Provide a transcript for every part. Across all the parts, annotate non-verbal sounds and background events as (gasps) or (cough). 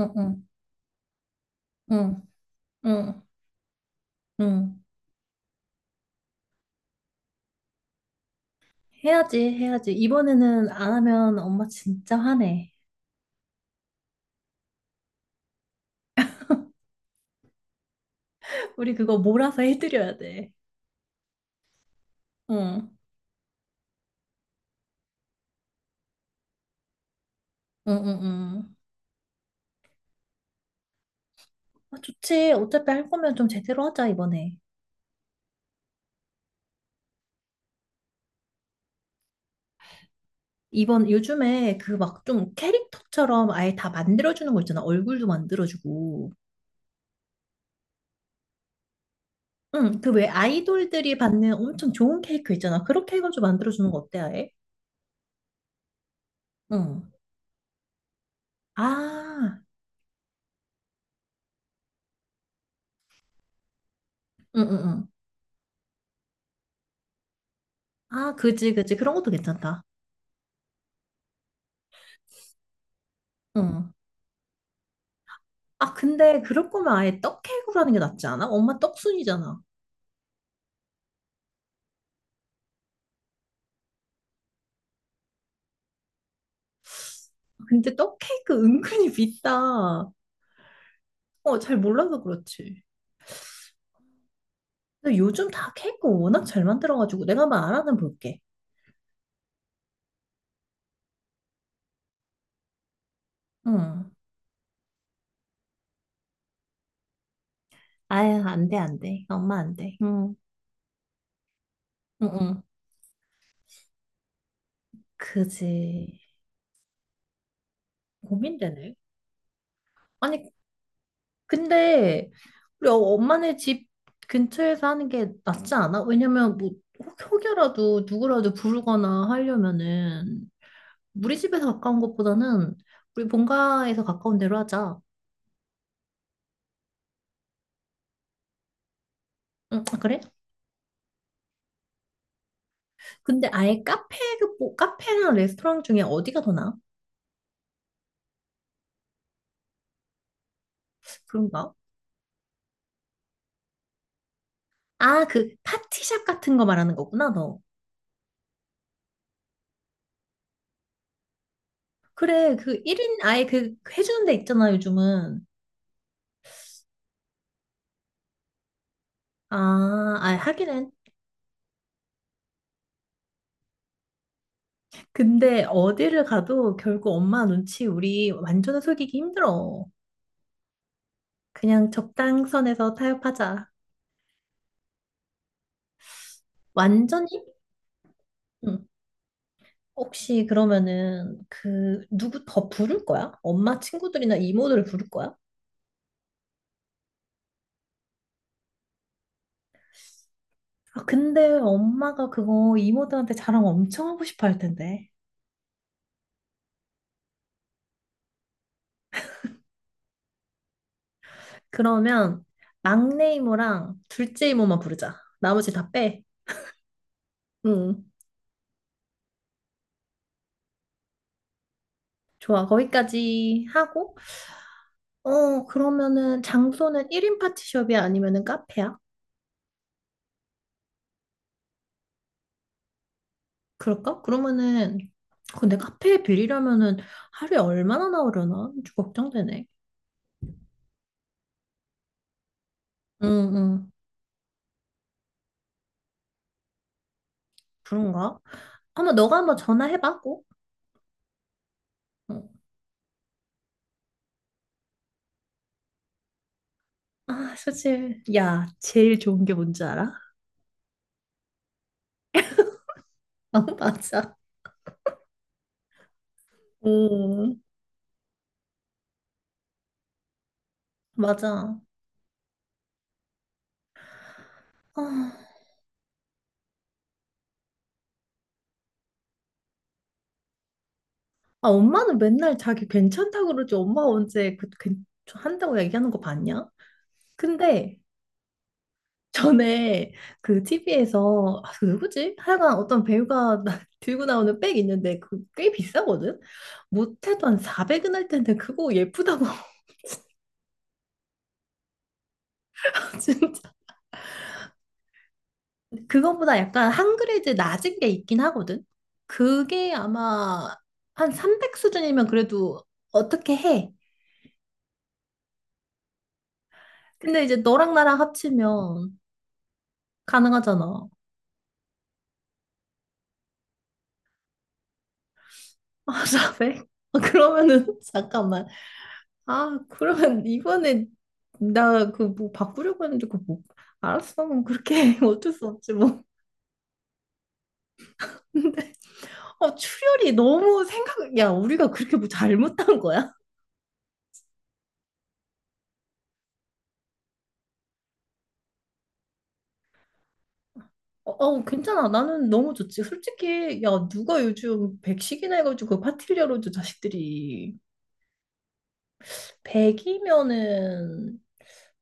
응, 응, 응, 응, 응. 해야지, 해야지. 이번에는 안 하면 엄마 진짜 화내. (laughs) 우리 그거 몰아서 해드려야 돼. 응, 응, 응, 응. 아, 좋지. 어차피 할 거면 좀 제대로 하자, 이번에. 이번 요즘에 그 막 좀 캐릭터처럼 아예 다 만들어주는 거 있잖아. 얼굴도 만들어주고. 응, 그 왜 아이돌들이 받는 엄청 좋은 케이크 있잖아. 그렇게 해가지고 만들어주는 거 어때, 아예? 응. 아, 응, 응, 응. 아, 그지, 그지. 그런 것도 괜찮다. 응. 아, 근데 그럴 거면 아예 떡케이크로 하는 게 낫지 않아? 엄마 떡순이잖아. 근데 떡케이크 은근히 비싸. 어, 잘 몰라서 그렇지. 근데 요즘 다 케이크 워낙 잘 만들어가지고 내가 한번 알아 볼게. 응. 아유, 안 돼, 안 돼. 엄마 안 돼. 응. 응, 응. 그지. 고민되네. 아니, 근데 우리 엄마네 집 근처에서 하는 게 낫지 않아? 왜냐면 뭐 혹여라도 누구라도 부르거나 하려면은 우리 집에서 가까운 것보다는 우리 본가에서 가까운 데로 하자. 응, 아, 그래? 근데 아예 카페, 그, 뭐, 카페랑 레스토랑 중에 어디가 더 나아? 그런가? 아, 그 파티샵 같은 거 말하는 거구나, 너. 그래, 그 1인 아예 그 해주는 데 있잖아, 요즘은. 아, 아, 하기는. 근데 어디를 가도 결국 엄마 눈치 우리 완전 히 속이기 힘들어. 그냥 적당선에서 타협하자. 완전히? 응. 혹시 그러면은 그 누구 더 부를 거야? 엄마 친구들이나 이모들을 부를 거야? 아 근데 엄마가 그거 이모들한테 자랑 엄청 하고 싶어 할 텐데. 그러면 막내 이모랑 둘째 이모만 부르자. 나머지 다 빼. 응. 좋아. 거기까지 하고 그러면은 장소는 1인 파티숍이야 아니면은 카페야? 그럴까? 그러면은 근데 카페에 빌리려면은 하루에 얼마나 나오려나? 좀 걱정되네. 응응. 그런가? 한번 너가 한번 전화해봐 꼭. 어. 아 사실 야 제일 좋은 게 뭔지 알아? (laughs) 아 맞아. 음 맞아. 아, 아, 엄마는 맨날 자기 괜찮다고 그러지 엄마가 언제 그, 그 한다고 얘기하는 거 봤냐? 근데 전에 그 TV에서 아, 그 누구지? 하여간 어떤 배우가 (laughs) 들고 나오는 백 있는데 그 꽤 비싸거든? 못해도 한 400은 할 텐데 그거 예쁘다고 (laughs) 진짜. 그거보다 약간 한 그레이드 낮은 게 있긴 하거든? 그게 아마 한 300 수준이면 그래도 어떻게 해? 근데 이제 너랑 나랑 합치면 가능하잖아. 아, 400? 아, 그러면은, (laughs) 잠깐만. 아, 그러면 이번에 나 그 뭐 바꾸려고 했는데 그 뭐, 알았어. 그럼 그렇게 해. (laughs) 어쩔 수 없지 뭐. 근데, 출혈이 너무 생각, 야, 우리가 그렇게 뭐 잘못한 거야? 어, 어, 괜찮아. 나는 너무 좋지. 솔직히, 야, 누가 요즘 100식이나 해가지고 파티를 열어 자식들이. 100이면은,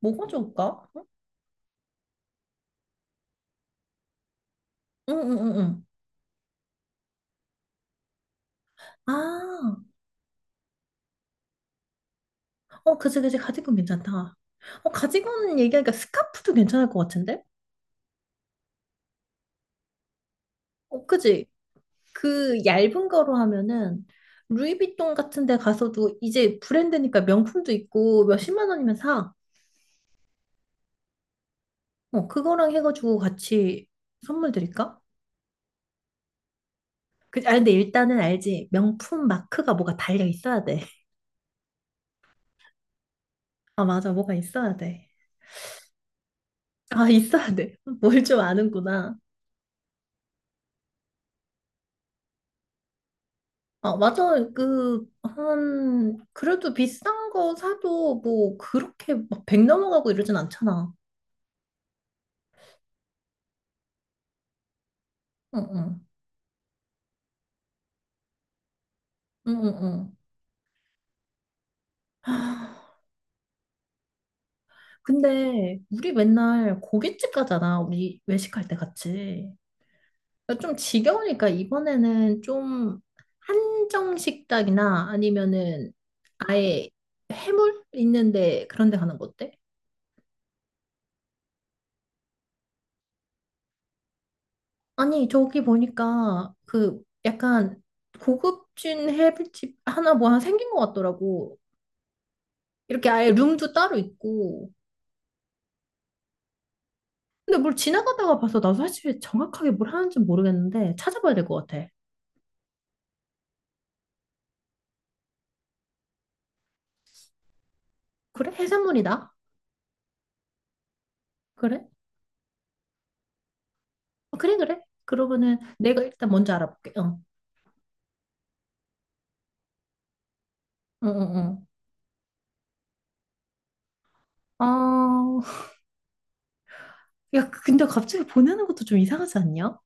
뭐가 좋을까? 응, 응, 응, 응. 아, 어, 그지, 그지. 가디건 괜찮다. 어, 가디건 얘기하니까 스카프도 괜찮을 것 같은데? 어, 그지? 그 얇은 거로 하면은, 루이비통 같은 데 가서도 이제 브랜드니까 명품도 있고 몇십만 원이면 사. 어, 그거랑 해가지고 같이 선물 드릴까? 그, 아, 근데 일단은 알지. 명품 마크가 뭐가 달려 있어야 돼. (laughs) 아, 맞아. 뭐가 있어야 돼. 아, 있어야 돼. (laughs) 뭘 좀 아는구나. 아, 맞아. 그, 한, 그래도 비싼 거 사도 뭐 그렇게 막 백 넘어가고 이러진 않잖아. 응, 응. 응, 응, 응. (gasps) 하, 근데 우리 맨날 고깃집 가잖아. 우리 외식할 때 같이. 그러니까 좀 지겨우니까 이번에는 좀 한정 식당이나 아니면은 아예 해물 있는데 그런 데 가는 거 어때? 아니 저기 보니까 그 약간 고급진 해물집 하나 뭐 하나 생긴 것 같더라고. 이렇게 아예 룸도 따로 있고. 근데 뭘 지나가다가 봐서 나도 사실 정확하게 뭘 하는지 모르겠는데 찾아봐야 될 것 같아. 그래? 해산물이다. 그래? 어, 그래 그래. 그러면은 내가 일단 먼저 알아볼게. 어. 어, 어, 어. 아, 야, 그, 근데 갑자기 보내는 것도 좀 이상하지 않냐?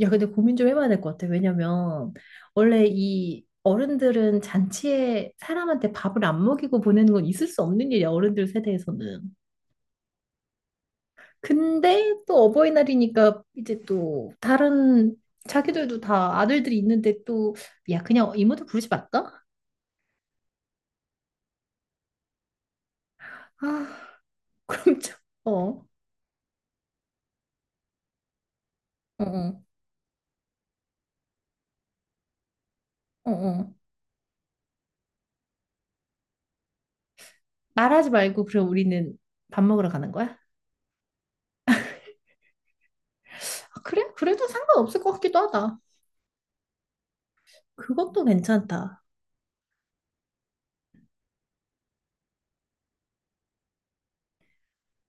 야, 근데 고민 좀 해봐야 될 것 같아. 왜냐면, 원래 이 어른들은 잔치에 사람한테 밥을 안 먹이고 보내는 건 있을 수 없는 일이야, 어른들 세대에서는. 근데 또 어버이날이니까 이제 또 다른 자기들도 다 아들들이 있는데 또, 야, 그냥 이모들 부르지 말까? 아, (laughs) 그럼 참, 어, 어, 어, 어. 어. 말하지 말고, 그럼 우리는 밥 먹으러 가는 거야? 아, 그래? 그래도 상관없을 것 같기도 하다. 그것도 괜찮다.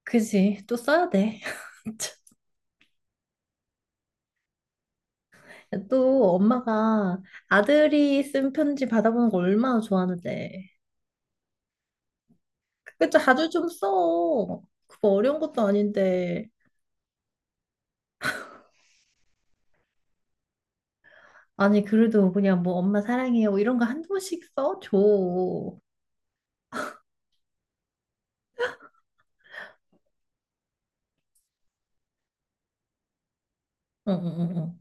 그지? 또 써야 돼. (laughs) 또 엄마가 아들이 쓴 편지 받아보는 거 얼마나 좋아하는데. 그거 자주 좀 써. 그거 어려운 것도 아닌데. 아니, 그래도 그냥 뭐 엄마 사랑해요. 뭐 이런 거 한두 번씩 써줘. 응, 응, 응.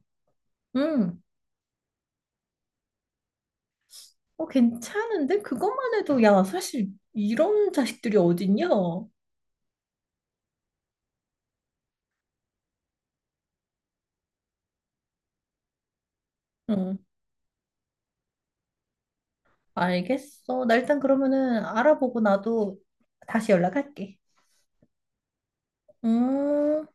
응. 응. 어, 괜찮은데? 그것만 해도, 야, 사실 이런 자식들이 어딨냐? 응. 알겠어. 나 일단 그러면은 알아보고 나도 다시 연락할게. 음.